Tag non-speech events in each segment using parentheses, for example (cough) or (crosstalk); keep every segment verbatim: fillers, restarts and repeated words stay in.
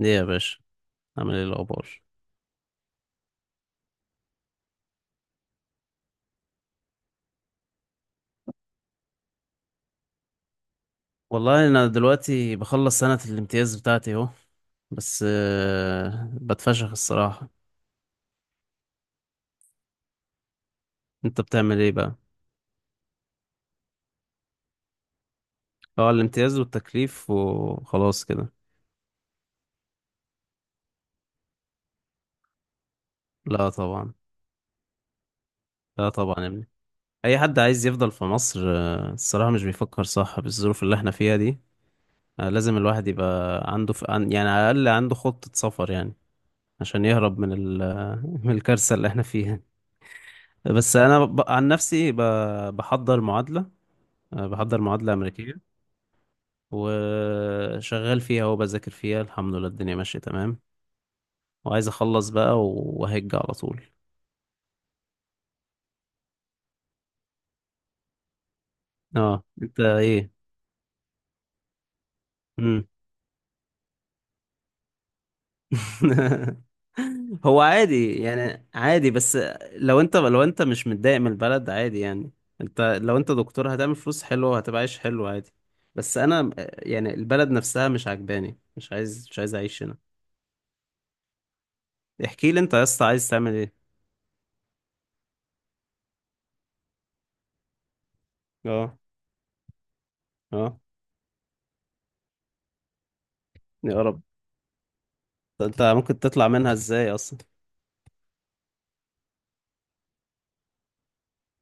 ليه يا باشا؟ عامل ايه الاخبار؟ والله انا دلوقتي بخلص سنة الامتياز بتاعتي اهو. بس آه، بتفشخ الصراحة. انت بتعمل ايه بقى؟ اه، الامتياز والتكليف وخلاص كده. لا طبعا. لا طبعا يا ابني. اي حد عايز يفضل في مصر آه، الصراحة مش بيفكر صح بالظروف اللي احنا فيها دي. آه، لازم الواحد يبقى عنده ف... عن- يعني على الاقل عنده خطة سفر يعني. عشان يهرب من ال... (laughs) من الكارثة اللي احنا فيها. بس انا ب... عن نفسي ب... بحضر معادلة. أه، بحضر معادلة أمريكية وشغال فيها وبذاكر فيها. الحمد لله الدنيا ماشية تمام. وعايز أخلص بقى وهج على طول. اه، انت ايه؟ مم. (laughs) هو عادي يعني، عادي بس. لو انت لو انت مش متضايق من البلد عادي يعني. انت لو انت دكتور هتعمل فلوس حلوة وهتبقى عايش حلو عادي. بس انا آه، يعني البلد نفسها مش عجباني، مش عايز مش عايز اعيش هنا. احكي لي انت يا اسطى عايز تعمل ايه؟ اه. اه، يا رب. انت ممكن تطلع منها ازاي اصلا؟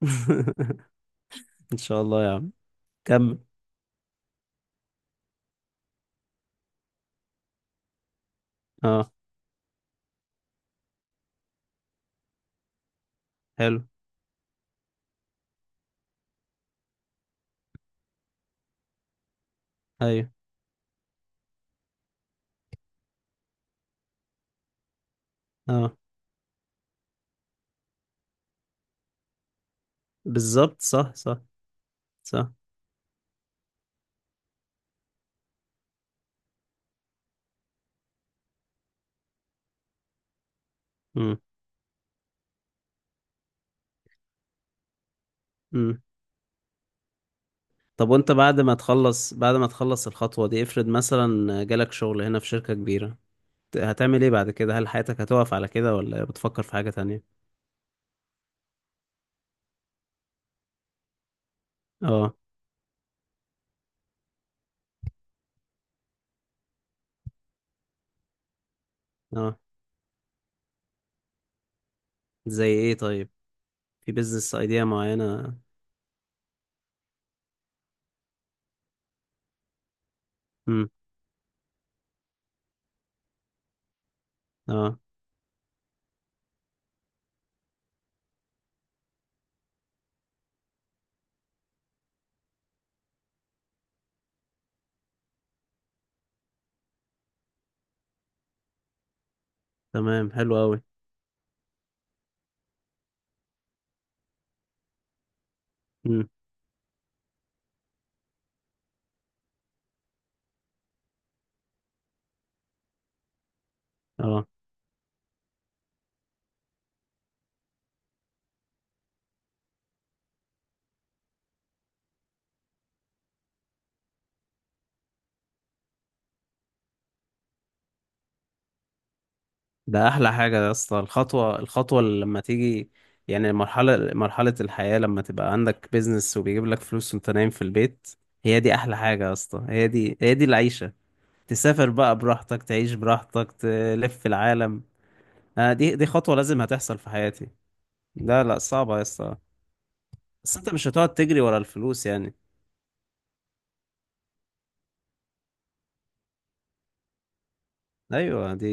(laughs) ان شاء الله يا عم. كمل. اه. حلو. ايوه. اه. بالظبط، صح صح. صح. امم. امم. طب وانت بعد ما تخلص بعد ما تخلص الخطوة دي، افرض مثلا جالك شغل هنا في شركة كبيرة. ت- هتعمل ايه بعد كده؟ هل حياتك هتقف على كده ولا بتفكر في حاجة تانية؟ اه. اه. زي ايه طيب؟ في بيزنس ايديا معينة؟ امم. اه. تمام، حلو قوي. امم. اه. ده احلى حاجه يا اسطى، الخطوه الخطوه اللي لما تيجي. يعني مرحله مرحله الحياه لما تبقى عندك بيزنس وبيجيب لك فلوس وانت نايم في البيت. هي دي احلى حاجه يا اسطى، هي دي هي دي العيشه. تسافر بقى براحتك، تعيش براحتك، تلف في العالم. آه دي دي خطوه لازم هتحصل في حياتي. لا لا، صعبه يا اسطى. بس انت مش هتقعد تجري ورا الفلوس يعني؟ ايوه دي.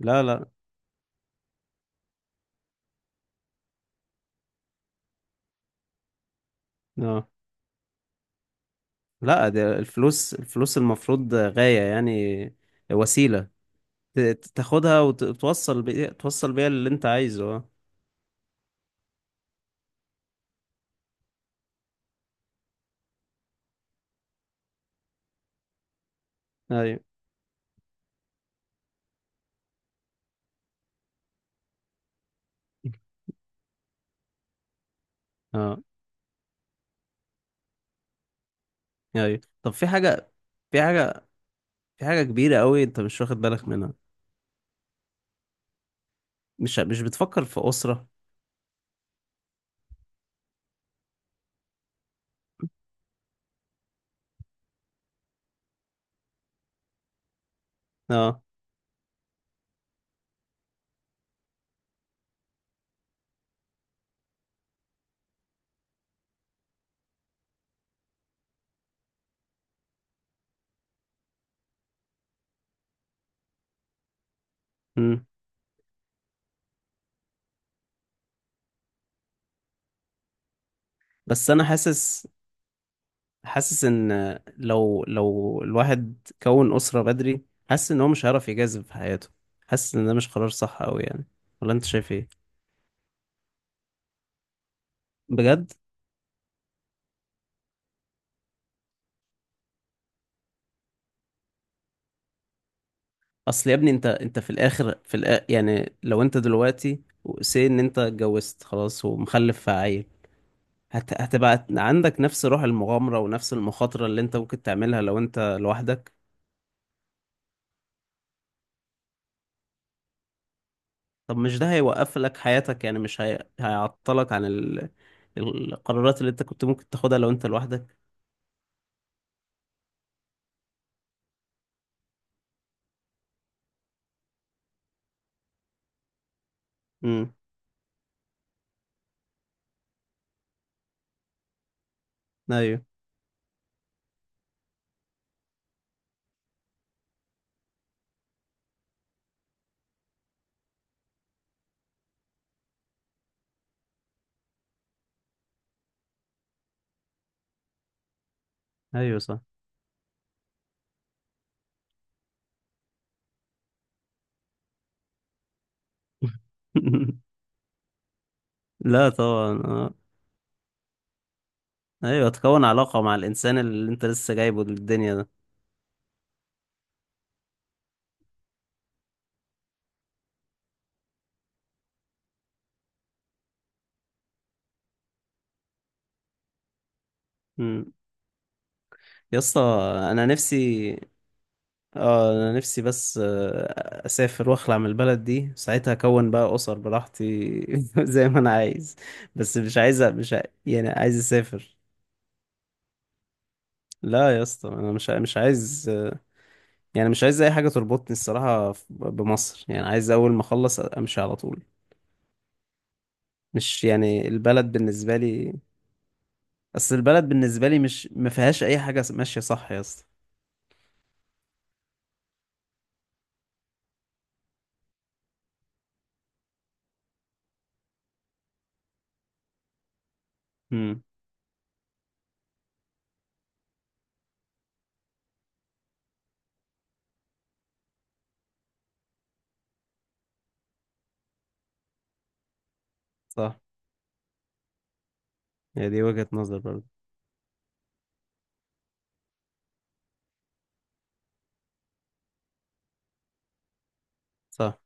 لا لا لا لا. ده الفلوس الفلوس المفروض غايه يعني. وسيله. ت- تاخدها وتوصل بيها توصل بيها اللي انت عايزه اه. ايوه. اه، ايوه. طب في حاجة في حاجة في حاجة كبيرة قوي انت مش واخد بالك منها. مش مش بتفكر في أسرة؟ اه. امم. بس انا حاسس حاسس ان لو لو الواحد كون أسرة بدري، حاسس ان هو مش هيعرف يجازف في حياته. حاسس ان ده مش قرار صح قوي يعني. ولا انت شايف ايه؟ بجد؟ اصل يا ابني انت انت في الاخر في الآ... يعني لو انت دلوقتي سي ان انت اتجوزت خلاص ومخلف في عيل. هت... هتبقى عندك نفس روح المغامرة ونفس المخاطرة اللي انت ممكن تعملها لو انت لوحدك؟ طب مش ده هيوقف لك حياتك يعني؟ مش هي... هيعطلك عن ال... القرارات اللي انت كنت ممكن تاخدها لو انت لوحدك؟ امم. ايوه ايوه، صح. (laughs) لا طبعا آه. ايوه، تكون علاقة مع الانسان اللي انت لسه جايبه للدنيا ده. امم. يا اسطى، انا نفسي. اه، انا نفسي بس آه، اسافر واخلع من البلد دي ساعتها اكون بقى اسر براحتي. (laughs) زي ما انا عايز. بس مش عايز مش ع... يعني عايز اسافر. لا يا اسطى انا مش ع- مش عايز آه، يعني مش عايز اي حاجه تربطني الصراحه ف- بمصر، يعني عايز اول ما اخلص امشي على طول. مش يعني البلد بالنسبه لي. اصل البلد بالنسبه لي مش ما فيهاش اي حاجه ماشيه صح يا اسطى. امم. صح. هي دي وجهه نظر برضه. صح.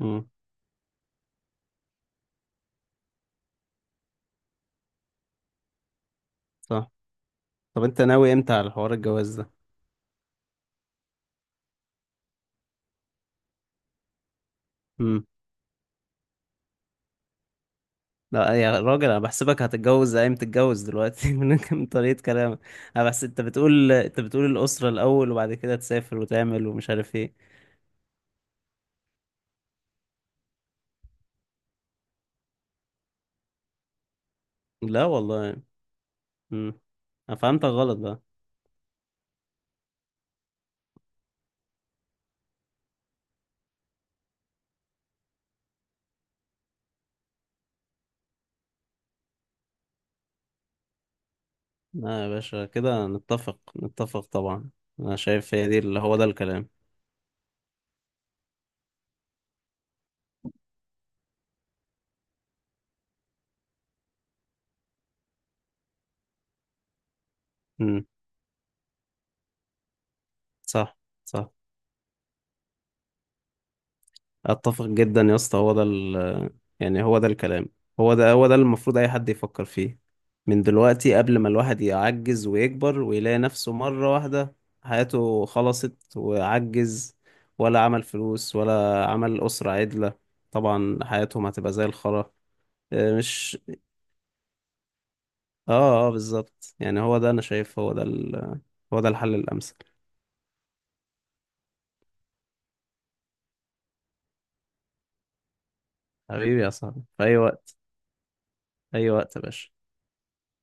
امم. صح. طب انت ناوي امتى على حوار الجواز ده؟ لا يا راجل، انا بحسبك هتتجوز زي ما تتجوز دلوقتي. (laughs) من من طريقة كلامك. انا بحس انت بتقول انت بتقول الأسرة الأول وبعد كده تسافر وتعمل ومش عارف ايه. لا والله. امم. انا فهمتك غلط بقى. لا يا باشا كده، نتفق نتفق طبعا. انا شايف هي دي اللي هو ده الكلام. امم. صح صح. اتفق جدا يا اسطى، هو ده ال يعني هو ده الكلام. هو ده هو ده اللي المفروض اي حد يفكر فيه. من دلوقتي، قبل ما الواحد يعجز ويكبر ويلاقي نفسه مرة واحدة حياته خلصت وعجز. ولا عمل فلوس ولا عمل أسرة عدلة. طبعا حياتهم هتبقى زي الخرا. آه، مش اه اه، بالظبط يعني هو ده، انا شايف هو ده ال... هو ده الحل الأمثل. حبيبي يا صاحبي، في اي وقت. اي وقت يا باشا.